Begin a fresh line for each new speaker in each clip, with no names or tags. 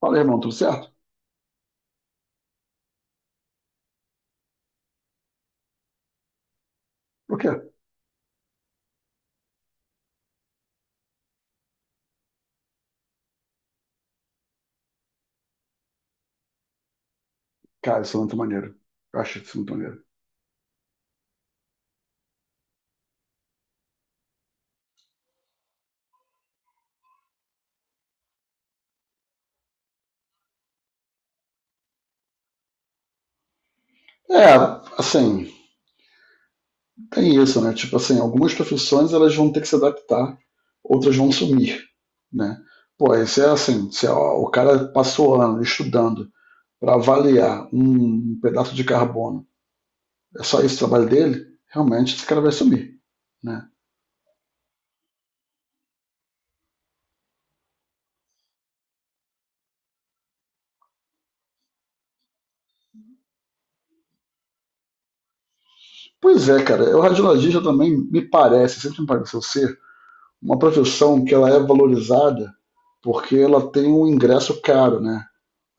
Fala, irmão, tudo certo? Por quê? Cara, isso é muito maneiro. Eu acho isso muito maneiro. É, assim, tem isso, né? Tipo assim, algumas profissões elas vão ter que se adaptar, outras vão sumir, né? Pô, isso é assim, se ó, o cara passou ano estudando para avaliar um pedaço de carbono, é só isso o trabalho dele, realmente esse cara vai sumir, né? Pois é, cara, o radiologista também me parece, sempre me pareceu ser uma profissão que ela é valorizada porque ela tem um ingresso caro, né?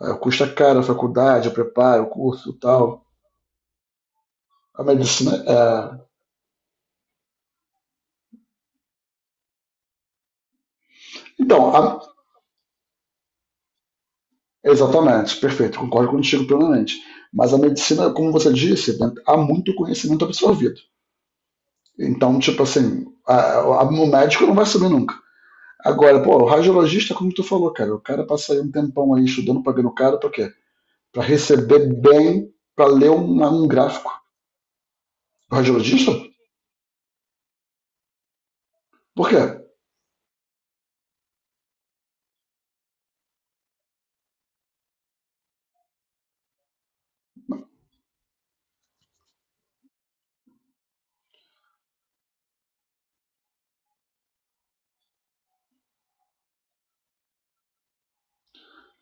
É, custa caro a faculdade, o preparo, o curso e tal. A medicina é. Então, a. Exatamente, perfeito, concordo contigo plenamente. Mas a medicina, como você disse, né, há muito conhecimento absorvido. Então, tipo assim, o médico não vai saber nunca. Agora, pô, o radiologista, como tu falou, cara, o cara passa aí um tempão aí estudando, pagando caro, pra quê? Pra receber bem, pra ler um gráfico. O radiologista? Por quê?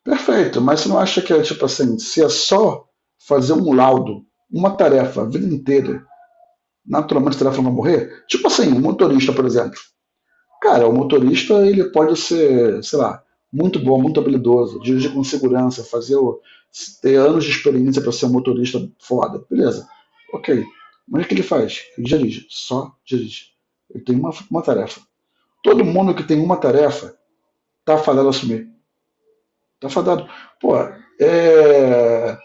Perfeito, mas você não acha que é tipo assim, se é só fazer um laudo, uma tarefa a vida inteira, naturalmente a tarefa não vai morrer? Tipo assim, um motorista, por exemplo. Cara, o motorista ele pode ser, sei lá, muito bom, muito habilidoso, dirigir com segurança, fazer o, ter anos de experiência para ser um motorista foda, beleza. Ok. Mas o que ele faz? Ele dirige, só dirige. Ele tem uma tarefa. Todo mundo que tem uma tarefa está fadado a assumir. Tá fadado. Pô, é,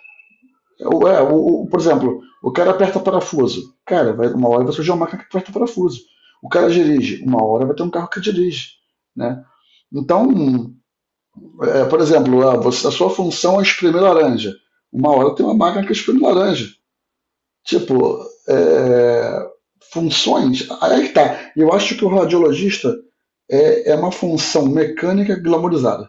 por exemplo, o cara aperta parafuso. Cara, vai, uma hora vai surgir uma máquina que aperta parafuso. O cara dirige, uma hora vai ter um carro que dirige, né? Então, é, por exemplo, a sua função é espremer laranja. Uma hora tem uma máquina que espreme laranja. Tipo, é, funções. Aí que tá. Eu acho que o radiologista é, é uma função mecânica glamorizada.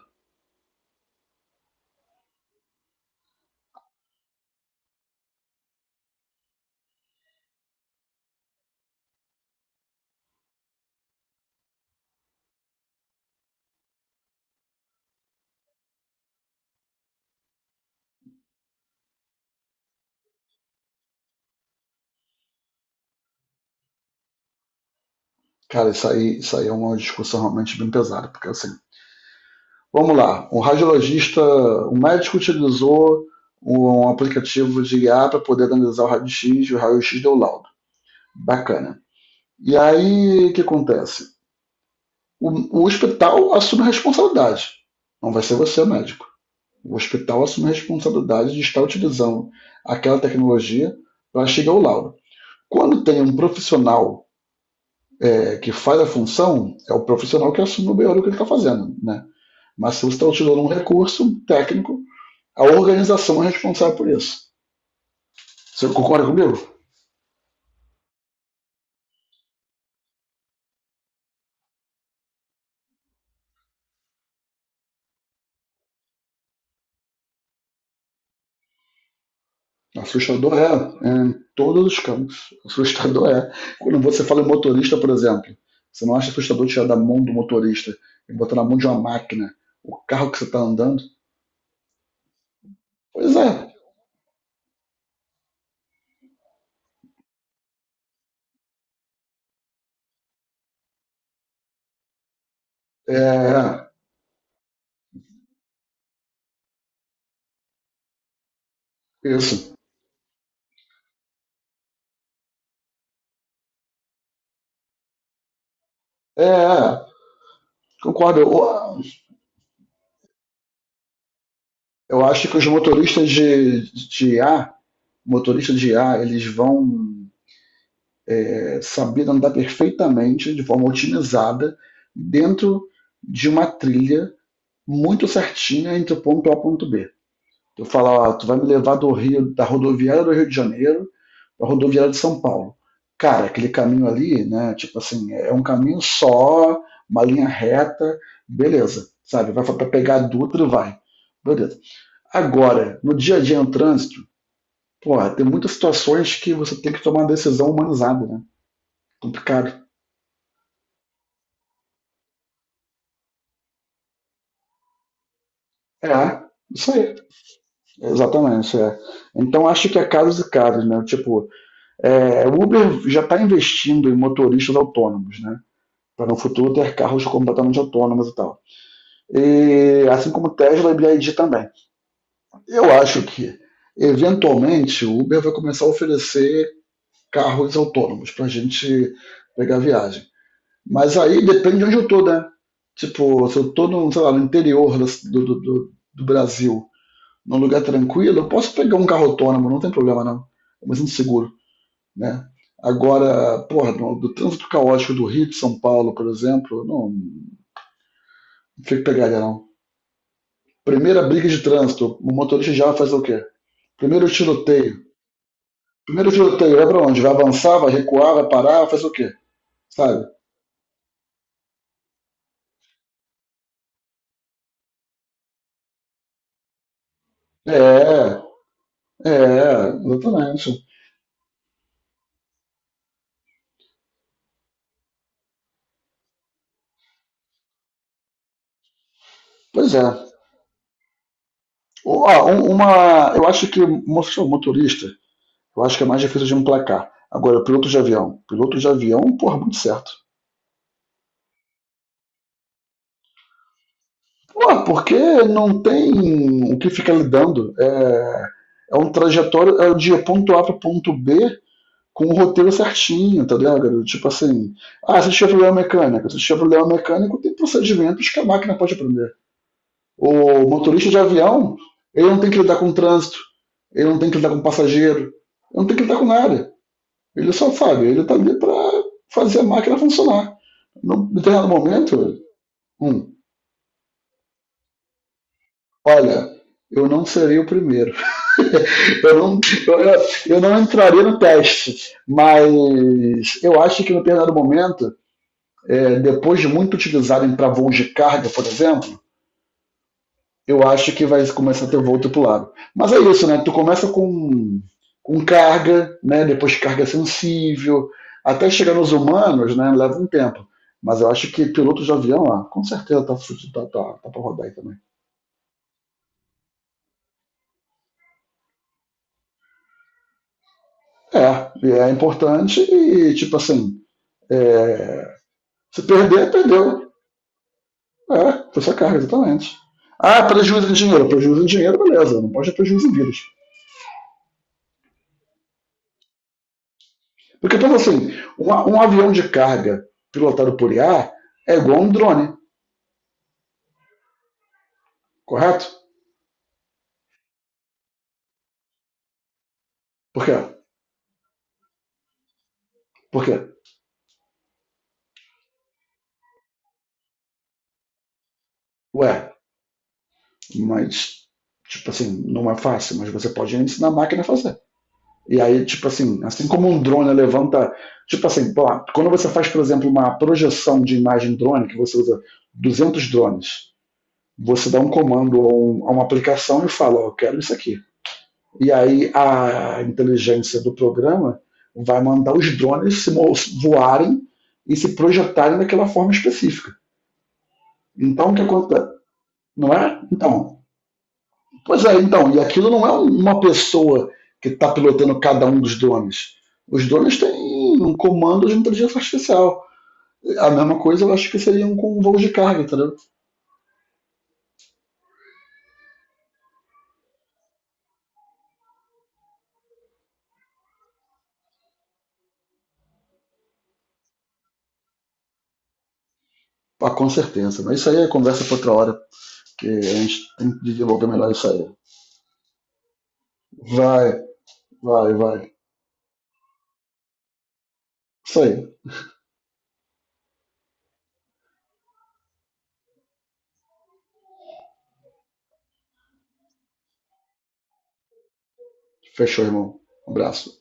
Cara, isso aí é uma discussão realmente bem pesada, porque assim, vamos lá, um radiologista, um médico utilizou um aplicativo de IA para poder analisar o raio-x e o raio-x deu laudo. Bacana. E aí, o que acontece? O, o hospital assume a responsabilidade. Não vai ser você, médico. O hospital assume a responsabilidade de estar utilizando aquela tecnologia para chegar ao laudo. Quando tem um profissional é, que faz a função, é o profissional que assume o BO do que ele está fazendo. Né? Mas se você está utilizando um recurso técnico, a organização é responsável por isso. Você concorda comigo? Assustador é, é em todos os campos. Assustador é. Quando você fala em motorista, por exemplo, você não acha assustador tirar da mão do motorista e botar na mão de uma máquina o carro que você está andando? Pois é. É, isso. É, concordo. Eu acho que os motoristas de IA, motoristas de IA, eles vão é, saber andar perfeitamente, de forma otimizada, dentro de uma trilha muito certinha entre o ponto A e o ponto B. Eu falo, ó, tu vai me levar do Rio, da rodoviária do Rio de Janeiro para a rodoviária de São Paulo. Cara, aquele caminho ali, né? Tipo assim, é um caminho só, uma linha reta, beleza, sabe? Vai para pegar a Dutra e vai. Beleza. Agora, no dia a dia no trânsito, porra, tem muitas situações que você tem que tomar uma decisão humanizada, né? Complicado. É, isso aí. Exatamente, isso é. Então acho que é casos e casos, né? Tipo, é, o Uber já está investindo em motoristas autônomos, né? Para no futuro ter carros completamente autônomos e tal. E, assim como Tesla e BYD também. Eu acho que, eventualmente, o Uber vai começar a oferecer carros autônomos para a gente pegar viagem. Mas aí depende de onde eu tô, né? Tipo, se eu estou no, sei lá, no interior do Brasil, num lugar tranquilo, eu posso pegar um carro autônomo, não tem problema não. Mas inseguro. Né? Agora, porra, do trânsito caótico do Rio de São Paulo, por exemplo, não, não sei o que pegaria não. Primeira briga de trânsito, o motorista já vai fazer o quê? Primeiro tiroteio. Primeiro tiroteio, vai pra onde? Vai avançar, vai recuar, vai parar, vai fazer o quê? Sabe? É, é, exatamente. Pois é. Ó, uma, eu acho que mostrou motorista, eu acho que é mais difícil de emplacar. Agora, piloto de avião. Piloto de avião, porra, muito certo. Pô, porque não tem o que ficar lidando. É, é um trajetório é de ponto A para ponto B com o roteiro certinho, tá ligado? Garoto? Tipo assim, ah, se tiver problema mecânico, se tiver problema mecânico, tem procedimentos que a máquina pode aprender. O motorista de avião, ele não tem que lidar com o trânsito, ele não tem que lidar com o passageiro, ele não tem que lidar com nada. Ele só sabe, ele tá ali pra fazer a máquina funcionar. Num determinado momento, um, olha, eu não serei o primeiro. Eu não, eu, eu, não entraria no teste, mas eu acho que no determinado momento, é, depois de muito utilizarem para voos de carga, por exemplo, eu acho que vai começar a ter voo tripulado. Mas é isso, né? Tu começa com carga, né? Depois carga sensível, até chegar nos humanos, né? Leva um tempo. Mas eu acho que pilotos de avião, ah, com certeza tá pra rodar aí também. É, é importante e, tipo assim, é, se perder, perdeu. É, foi sua carga, exatamente. Ah, prejuízo em dinheiro. Prejuízo em dinheiro, beleza. Não pode ter prejuízo em vidas. Porque pensa assim, um avião de carga pilotado por IA é igual a um drone, correto? Por quê? Por quê? Ué, mas, tipo assim, não é fácil, mas você pode ensinar a máquina a fazer. E aí, tipo assim, assim como um drone levanta. Tipo assim, pô, quando você faz, por exemplo, uma projeção de imagem drone, que você usa 200 drones, você dá um comando a a uma aplicação e fala, ó, eu quero isso aqui. E aí a inteligência do programa vai mandar os drones se voarem e se projetarem daquela forma específica. Então, o que acontece? Não é? Então, pois é, então, e aquilo não é um, uma pessoa que está pilotando cada um dos drones. Os drones têm um comando de inteligência artificial. A mesma coisa eu acho que seria um com um voo de carga, entendeu? Ah, com certeza. Mas isso aí é conversa para outra hora, porque a gente tem que desenvolver melhor isso aí. Vai, vai, vai. Isso aí. Fechou, irmão. Um abraço.